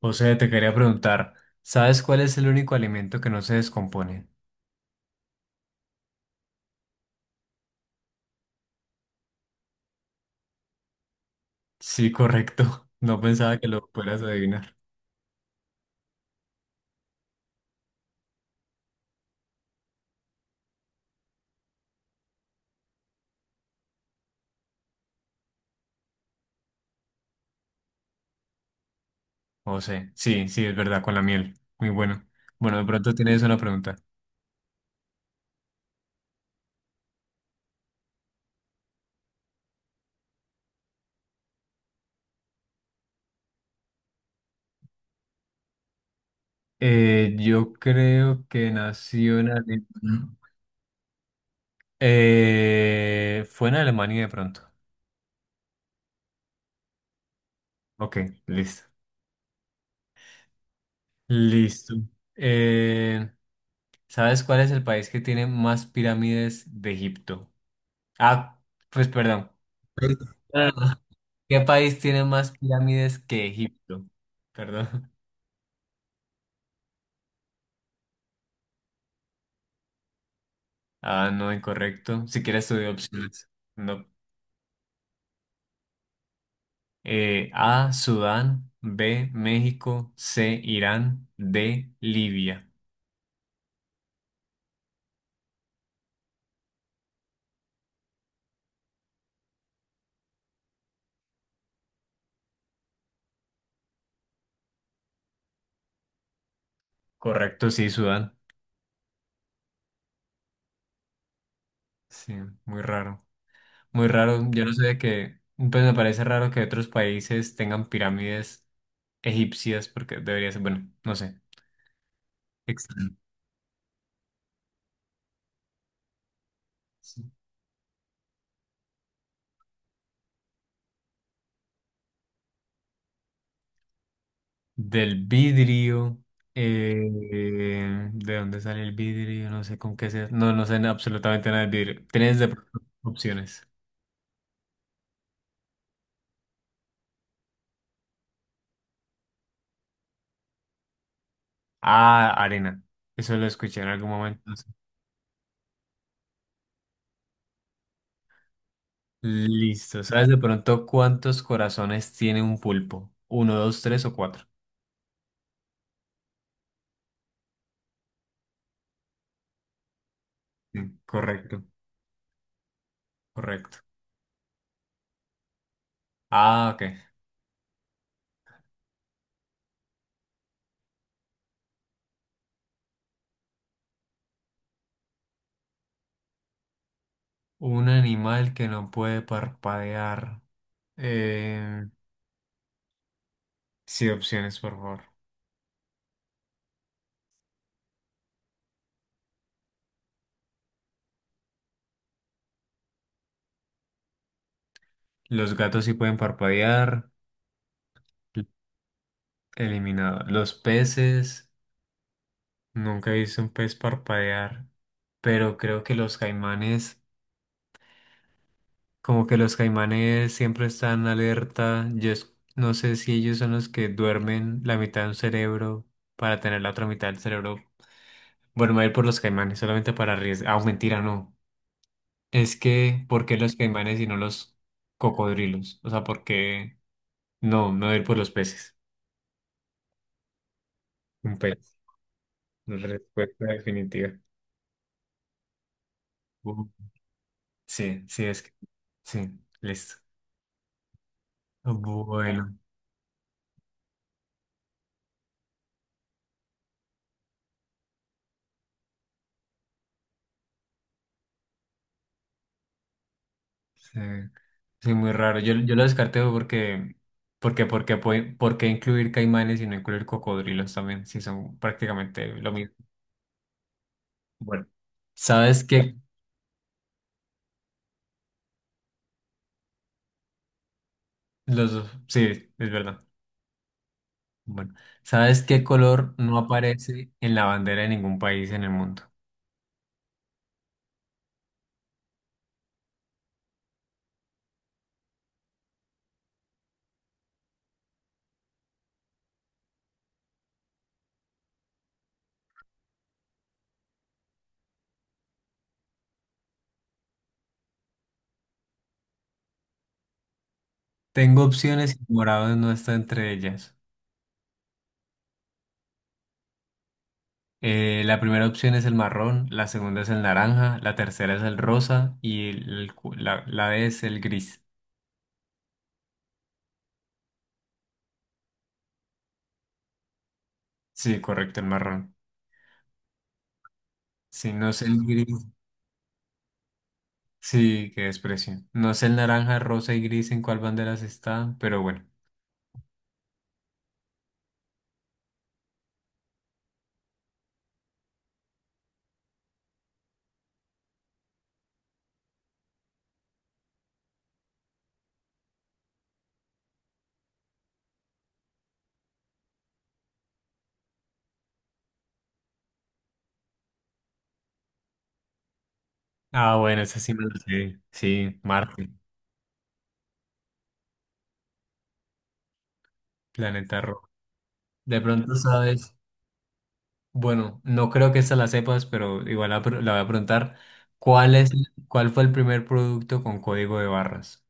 José, te quería preguntar, ¿sabes cuál es el único alimento que no se descompone? Sí, correcto. No pensaba que lo fueras a adivinar. José, sí, sí, es verdad, con la miel. Muy bueno. Bueno, de pronto tienes una pregunta. Yo creo que nació en Alemania. Fue en Alemania de pronto. Ok, listo. Listo. Eh, ¿Sabes cuál es el país que tiene más pirámides de Egipto? Ah, pues perdón. ¿Qué país tiene más pirámides que Egipto? Perdón. Ah, no, incorrecto. Si quieres, estudiar opciones. No. A, Sudán. B, México. C, Irán. D, Libia. Correcto, sí, Sudán. Sí, muy raro. Muy raro. Yo no sabía que... Pues me parece raro que otros países tengan pirámides egipcias porque debería ser... Bueno, no sé. Extraño. Sí. Del vidrio. eh, ¿De dónde sale el vidrio? No sé con qué se... No, no sé absolutamente nada del vidrio. Tienes de pronto opciones. Ah, arena. Eso lo escuché en algún momento. No. Listo. ¿Sabes de pronto cuántos corazones tiene un pulpo? ¿Uno, dos, tres o cuatro? Sí, correcto, correcto. Ah, ok. Un animal que no puede parpadear. Eh, sí, opciones, por favor. Los gatos sí pueden parpadear. Eliminado. Los peces, nunca he visto un pez parpadear, pero creo que los caimanes, como que los caimanes siempre están alerta. No sé si ellos son los que duermen la mitad de un cerebro para tener la otra mitad del cerebro. Bueno, me voy a ir por los caimanes, solamente para arriesgar. Ah, mentira, no. Es que, ¿por qué los caimanes y no los cocodrilos? O sea, ¿por qué? No, me voy a ir por los peces. Un pez. La respuesta definitiva. Sí, sí, es que. Sí, listo. Bueno, sí, sí, muy raro. Yo lo descarté porque ¿por qué incluir caimanes y no incluir cocodrilos también? Si son prácticamente lo mismo. Bueno, ¿sabes qué? Los dos, sí, es verdad. Bueno, ¿sabes qué color no aparece en la bandera de ningún país en el mundo? Tengo opciones y morado no está entre ellas. La primera opción es el marrón, la segunda es el naranja, la tercera es el rosa y la D es el gris. Sí, correcto, el marrón. Sí, no sé el gris. Sí, qué desprecio. No sé el naranja, rosa y gris en cuál banderas están, pero bueno. Ah, bueno, esa sí me lo sé. Sí, Marte, planeta rojo. De pronto sabes, bueno, no creo que esta la sepas, pero igual la voy a preguntar. ¿Cuál es, ¿cuál fue el primer producto con código de barras?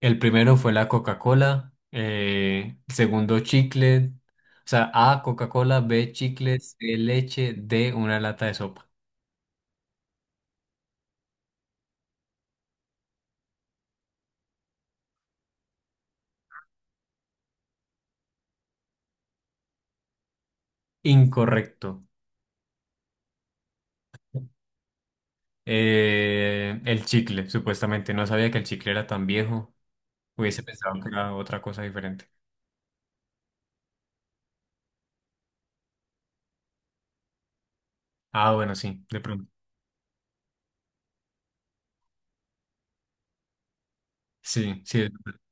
El primero fue la Coca-Cola, el segundo chicle, o sea, A, Coca-Cola, B, chicle, C, leche, D, una lata de sopa. Incorrecto. El chicle, supuestamente. No sabía que el chicle era tan viejo. Hubiese pensado que era otra cosa diferente. Ah, bueno, sí, de pronto. Sí, sí, de pronto,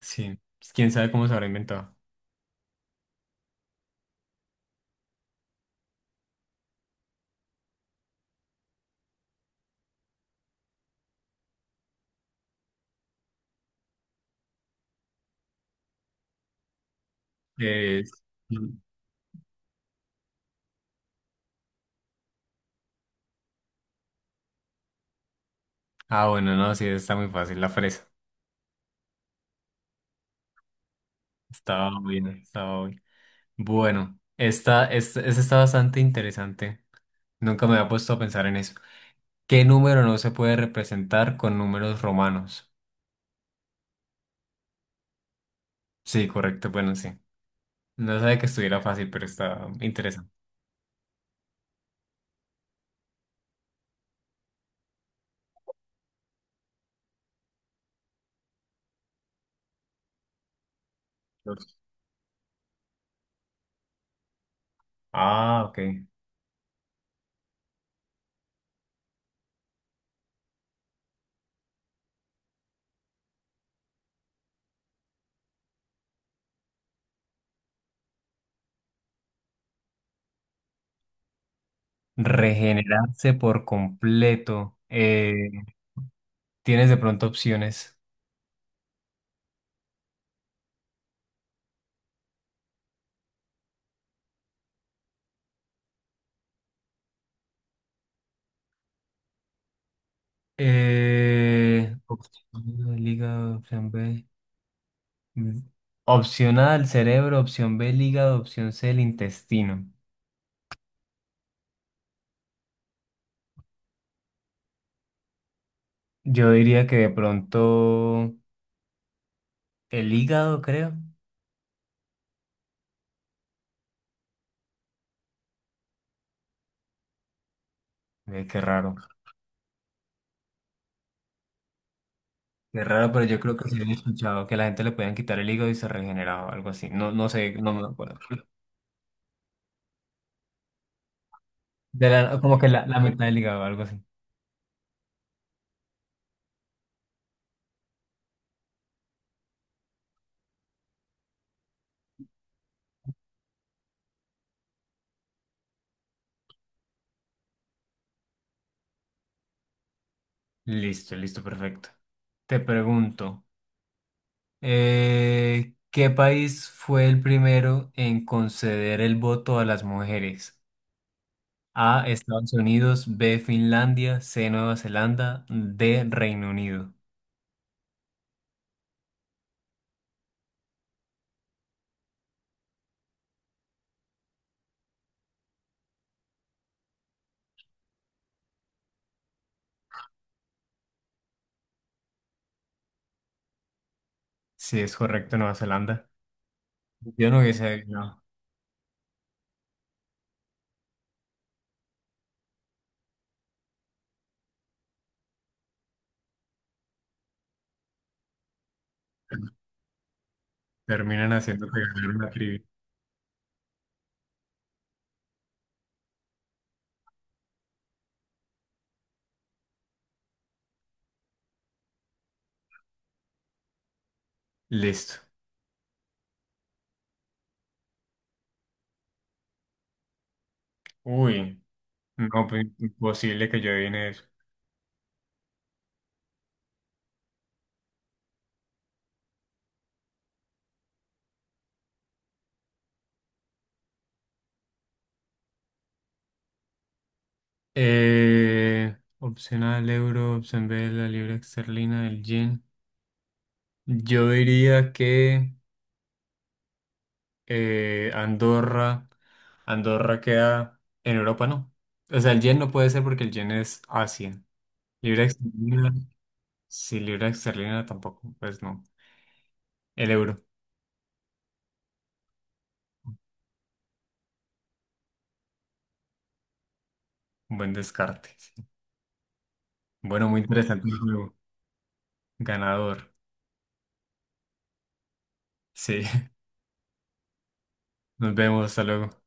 sí. ¿Quién sabe cómo se habrá inventado? Eh, ah, bueno, no, sí, está muy fácil. La fresa. Estaba bien, estaba bien. Bueno, esta está bastante interesante. Nunca me había puesto a pensar en eso. ¿Qué número no se puede representar con números romanos? Sí, correcto, bueno, sí. No sabía que estuviera fácil, pero está interesante. Dos. Ah, ok. Regenerarse por completo. ¿Tienes de pronto opciones? Opción A, el hígado, opción B. Mm. Opción A, el cerebro, opción B, el hígado, opción C, el intestino. Yo diría que de pronto el hígado, creo. Qué raro. Qué raro, pero yo creo que sí había escuchado que la gente le podían quitar el hígado y se regeneraba o algo así. No, no sé, no me acuerdo. Como que la mitad del hígado, algo así. Listo, listo, perfecto. Te pregunto, ¿qué país fue el primero en conceder el voto a las mujeres? A, Estados Unidos, B, Finlandia, C, Nueva Zelanda, D, Reino Unido. Si es correcto, Nueva Zelanda. Yo no hubiese adivinado. Terminan haciendo que ganar una trivia. Listo. Uy, no, pues imposible que yo adivine eso. Opción A, el euro, opción B, la libra esterlina, el yen. Yo diría que eh, Andorra, Andorra queda en Europa, ¿no? O sea, el yen no puede ser porque el yen es Asia. Libra esterlina, sí, libra esterlina tampoco, pues no. El euro, buen descarte. Sí. Bueno, muy interesante el juego. Ganador. Sí, nos vemos, hasta luego.